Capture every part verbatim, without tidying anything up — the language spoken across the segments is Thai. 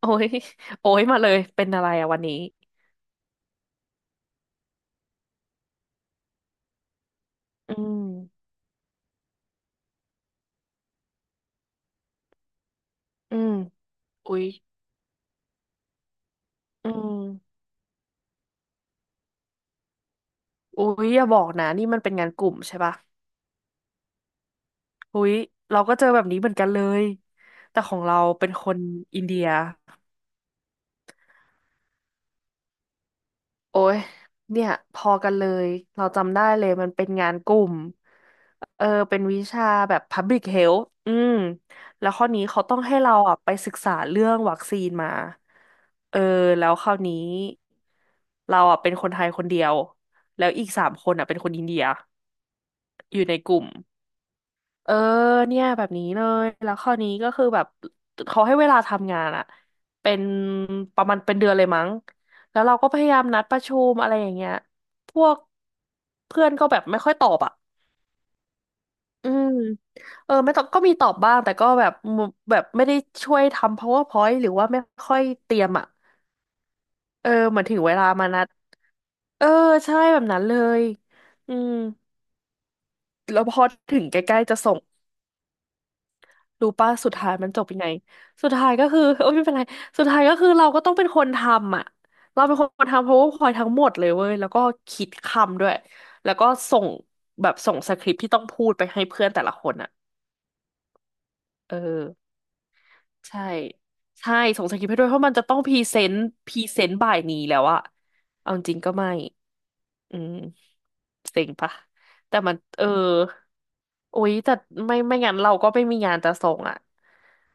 โอ้ย โอ้ยมาเลยเป็นอะไรอะวันนี้อืมอืมอุ๊ยอืมอุ๊ยอย่าบอกนะนี่มันเป็นงานกลุ่มใช่ปะอุ๊ยเราก็เจอแบบนี้เหมือนกันเลย แต่ของเราเป็นคนอินเดียโอ้ยเนี่ยพอกันเลยเราจำได้เลยมันเป็นงานกลุ่ม เออเป็นวิชาแบบ Public Health อืมแล้วข้อนี้เขาต้องให้เราอ่ะไปศึกษาเรื่องวัคซีนมาเออแล้วคราวนี้เราอ่ะเป็นคนไทยคนเดียวแล้วอีกสามคนอ่ะเป็นคนอินเดียอยู่ในกลุ่มเออเนี่ยแบบนี้เลยแล้วข้อนี้ก็คือแบบเขาให้เวลาทำงานอ่ะเป็นประมาณเป็นเดือนเลยมั้งแล้วเราก็พยายามนัดประชุมอะไรอย่างเงี้ยพวกเพื่อนก็แบบไม่ค่อยตอบอ่ะ อืมเออไม่ต้องก็มีตอบบ้างแต่ก็แบบมุแบบไม่ได้ช่วยทำ PowerPoint หรือว่าไม่ค่อยเตรียมอ่ะเออเหมือนถึงเวลามานัดเออใช่แบบนั้นเลยอืมแล้วพอถึงใกล้ๆจะส่งรู้ป่ะสุดท้ายมันจบยังไงสุดท้ายก็คือ โอ้ยไม่เป็นไรสุดท้ายก็คือเราก็ต้องเป็นคนทำอ่ะเราเป็นคนทำ PowerPoint ทั้งหมดเลยเว้ยแล้วก็คิดคำด้วยแล้วก็ส่งแบบส่งสคริปต์ที่ต้องพูดไปให้เพื่อนแต่ละคนอ่ะเออ ใช่ใช่ส่งสคริปต์ให้ด้วยเพราะมันจะต้องพรีเซนต์พรีเซนต์บ่ายนี้แล้วอะเอาจริงก็ไม่อืมเซ็งปะแต่มันเออโอ๊ยแต่ไม่ไม่งั้นเราก็ไม่มีงานจะส่งอะ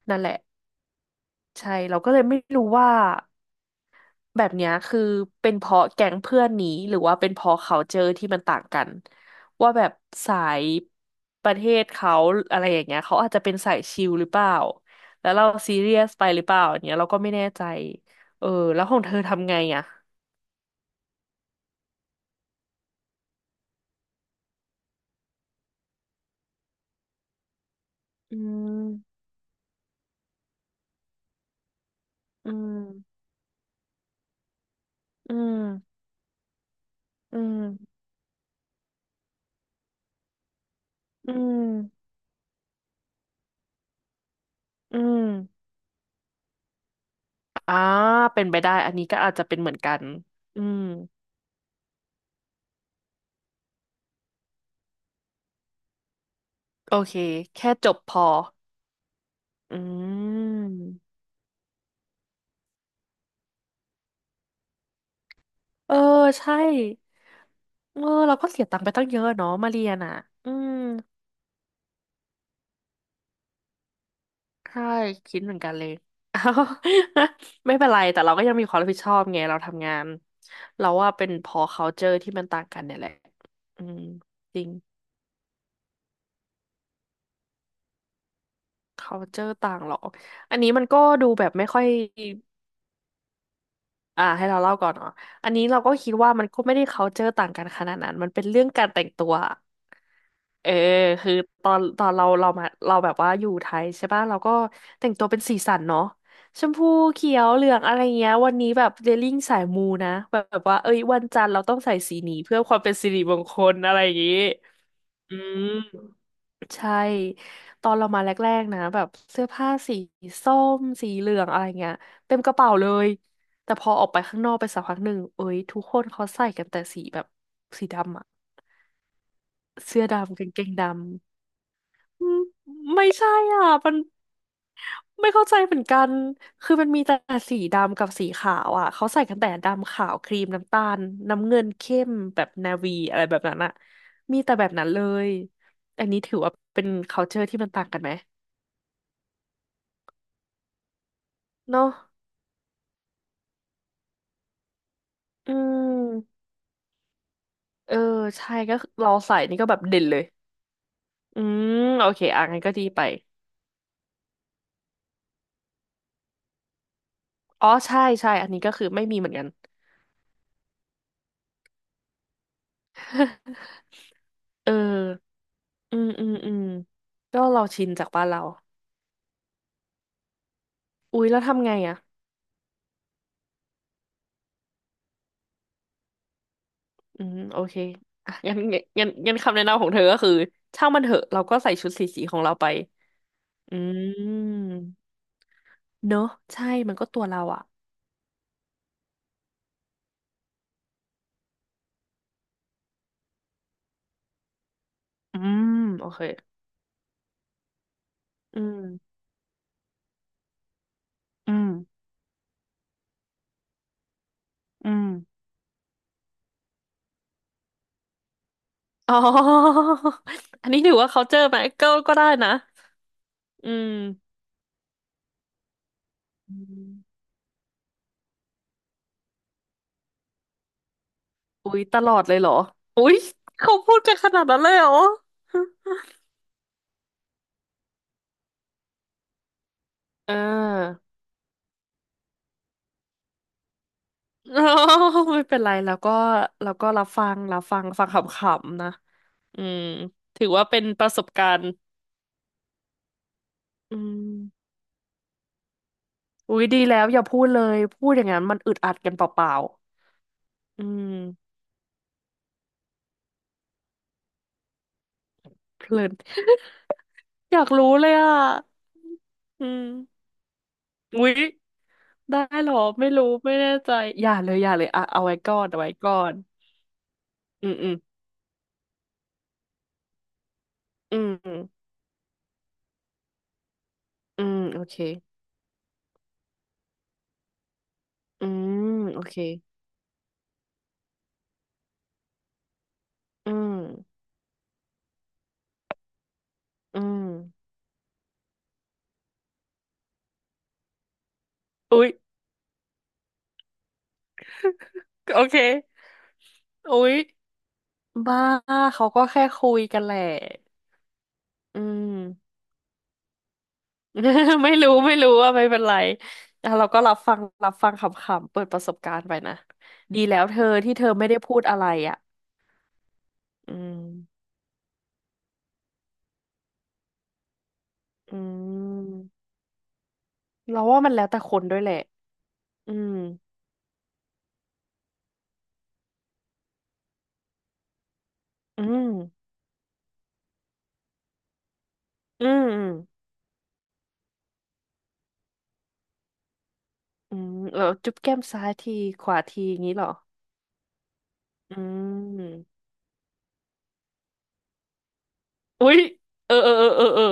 นั่นแหละใช่เราก็เลยไม่รู้ว่า แบบเนี้ยคือเป็นเพราะแก๊งเพื่อนนี้หรือว่าเป็นเพราะเขาเจอที่มันต่างกันว่าแบบสายประเทศเขาอะไรอย่างเงี้ยเขาอาจจะเป็นสายชิลหรือเปล่าแล้วเราซีเรียสไปหรือเปล่าอย่างเงี้ยเราก็ไม่แน่ใจเออแล้วของเธอทำไงอ่ะอืมอืมอืมอืมอืมอืมอ่าเป็นไปได้อันนี้ก็อาจจะเป็นเหมือนกันอืมโอเคแค่จบพออืม เออใช่ เออเราก็เสียตังค์ไปตั้งเยอะเนาะมาเรียนอ่ะอืมใช่คิดเหมือนกันเลย อ้าวไม่เป็นไรแต่เราก็ยังมีความรับผิดชอบไงเราทำงานเราว่าเป็นพอ culture ที่มันต่างกันเนี่ยแหละ อืมจริง culture ต่างหรออันนี้มันก็ดูแบบไม่ค่อย อ่าให้เราเล่าก่อนเนาะอันนี้เราก็คิดว่ามันก็ไม่ได้ culture ต่างกันขนาดนั้นมันเป็นเรื่องการแต่งตัวเออคือตอนตอนเราเรามาเราแบบว่าอยู่ไทยใช่ป่ะเราก็แต่งตัวเป็นสีสันเนาะชมพูเขียวเหลืองอะไรเงี้ยวันนี้แบบเดลิ่งสายมูนะแบบแบบว่าเอ้ยวันจันทร์เราต้องใส่สีนี้เพื่อความเป็นสิริมงคลอะไรอย่างงี้อืม ใช่ตอนเรามาแรกๆนะแบบเสื้อผ้าสีส้มสีเหลืองอะไรเงี้ยเต็มกระเป๋าเลยแต่พอออกไปข้างนอกไปสักพักหนึ่งเอ้ยทุกคนเขาใส่กันแต่สีแบบสีดำอะเสื้อดำกางเกงดำอืมไม่ใช่อ่ะมันไม่เข้าใจเหมือนกันคือมันมีแต่สีดำกับสีขาวอ่ะเขาใส่กันแต่ดำขาวครีมน้ำตาลน้ำเงินเข้มแบบนาวีอะไรแบบนั้นอะมีแต่แบบนั้นเลยอันนี้ถือว่าเป็น culture ที่มันต่างกันไหม เนาะอืมเออใช่ก็คือเราใส่นี่ก็แบบเด่นเลย อืมโอเคอ่ะงั้นก็ดีไปอ๋อใช่ใช่อันนี้ก็คือไม่มีเหมือนกัน เอออืมอืมอืมก็เราชินจากบ้านเราอุ๊ยแล้วทำไงอ่ะอืมโอเคอ่ะงั้นงั้นงั้นคำแนะนำของเธอก็คือช่างมันเถอะเราก็ใส่ชุดสีสีของเราไป อืมเนอะใช่มันก็ตัวเราอ่ะอืมโอเคอืมอืมอืม อ๋อ อันนี้ถือว่าเขาเจอไหมก็ก็ได้นะอืมอืมอุ๊ยตลอดเลยเหรอ อุ๊ยเขาพูดกันขนาดนั้นเลยเหรออ่าอ๋อ ไม่เป็นไรแล้วก็แล้วก็รับฟังรับฟังฟังขำๆนะ อืมถือว่าเป็นประสบการณ์อืมอุ๊ยดีแล้วอย่าพูดเลยพูดอย่างนั้นมันอึดอัดกันเปล่าๆ อืมเพลิน อยากรู้เลยอ่ะอืมอุ๊ย ได้หรอไม่รู้ไม่แน่ใจอย่าเลยอย่าเลยอ่ะเอาไว้ก่อนเอาไว้ก่อนอืมอืมอืมอืมโอเคอืมโอเคอืมอืมอุ๊ยโอเคอุ๊ยบ้าเขาก็แค่คุยกันแหละอืม ไม่รู้ไม่รู้ว่าไม่เป็นไรอ่ะเราก็รับฟังรับฟังขำๆเปิดประสบการณ์ไปนะดีแล้วเธอที่เธอไม่ได้พูดอะไรอ่ะอืมอืมเราว่ามันแล้วแต่คนด้วยแหละอืมอืม อืมอืมเออจุ๊บแก้มซ้ายทีขวาทีอย่างนี้เหรออืมอุ๊ยเออเออเออเออเออ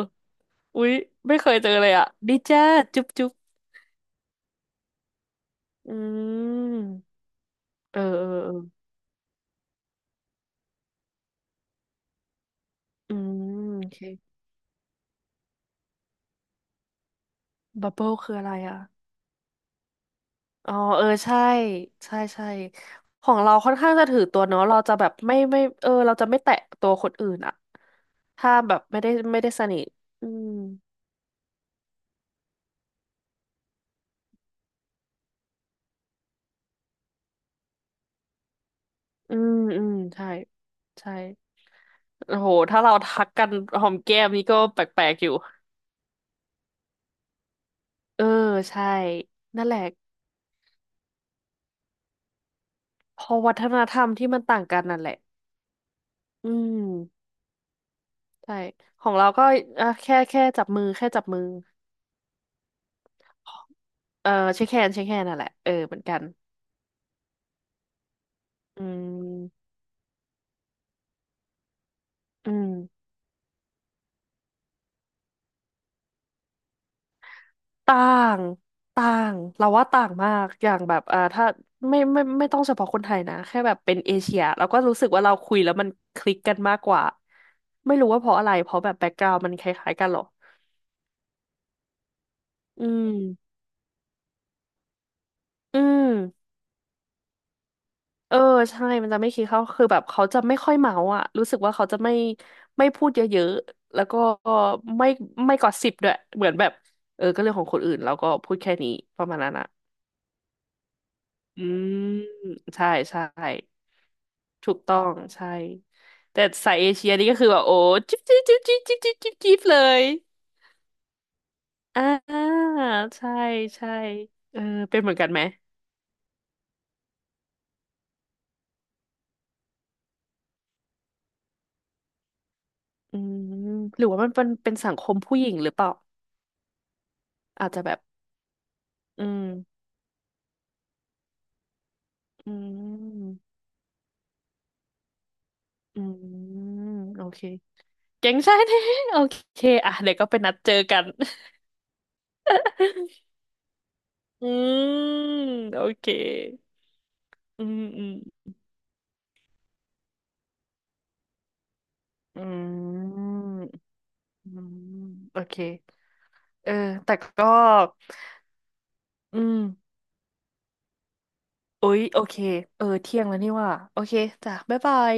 อุ๊ยไม่เคยเจอเลยอ่ะดีจ้าจุ๊บจุ๊บอืมเออเออเอออืมโอเคบับเบิลคืออะไรอ่ะอ๋อเออใช่ใช่ใช่ของเราค่อนข้างจะถือตัวเนาะเราจะแบบไม่ไม่เออเราจะไม่แตะตัวคนอื่นอ่ะถ้าแบบไม่ได้ไม่ได้สนิทอืมอืมอืมใช่ใช่ โอ้โหถ้าเราทักกันหอมแก้มนี่ก็แปลกๆอยู่เออใช่ นั่นแหละพอวัฒนธรรมที่มันต่างกันนั่นแหละอืมใช่ของเราก็อ่ะแค่แค่จับมือแค่จับมือเออเช็คแฮนด์เช็คแฮนด์นั่นแหละเออเหมือนกันอืมอืมต่างต่างเราว่าต่างมากอย่างแบบอ่าถ้าไม่ไม่ไม่ต้องเฉพาะคนไทยนะแค่แบบเป็นเอเชียเราก็รู้สึกว่าเราคุยแล้วมันคลิกกันมากกว่าไม่รู้ว่าเพราะอะไรเพราะแบบแบ็กกราว เอ็น ดี มันคล้ายๆกันเหรอ อืมอืมเออใช่มันจะไม่คิดเขาคือแบบเขาจะไม่ค่อยเมาอ่ะรู้สึกว่าเขาจะไม่ไม่พูดเยอะๆแล้วก็ไม่ไม่กอสซิปด้วยเหมือนแบบเออก็เรื่องของคนอื่นแล้วก็พูดแค่นี้ประมาณนั้นอ่ะอืมใช่ใช่ถูกต้องใช่แต่สายเอเชียนี่ก็คือแบบโอ้จิ๊บจิ๊บจิ๊บจิ๊บจิ๊บจิ๊บจิ๊บจิ๊บเลยอ่าใช่ใช่เออเป็นเหมือนกันไหมอืมหรือว่ามันเป็นเป็นสังคมผู้หญิงหรือเปล่าอาจจะแบบ อืมอืมอืมโอเคเก่งใช่ไหมโอเคอ่ะเดี๋ยวก็ไปนัดเจอกัน อืมโอเคอืม อืม อืม อืมโอเคเออแต่ก็อืมโอ๊ยโอเคเออเที่ยงแล้วนี่ว่าโอเคจ้ะบ๊ายบาย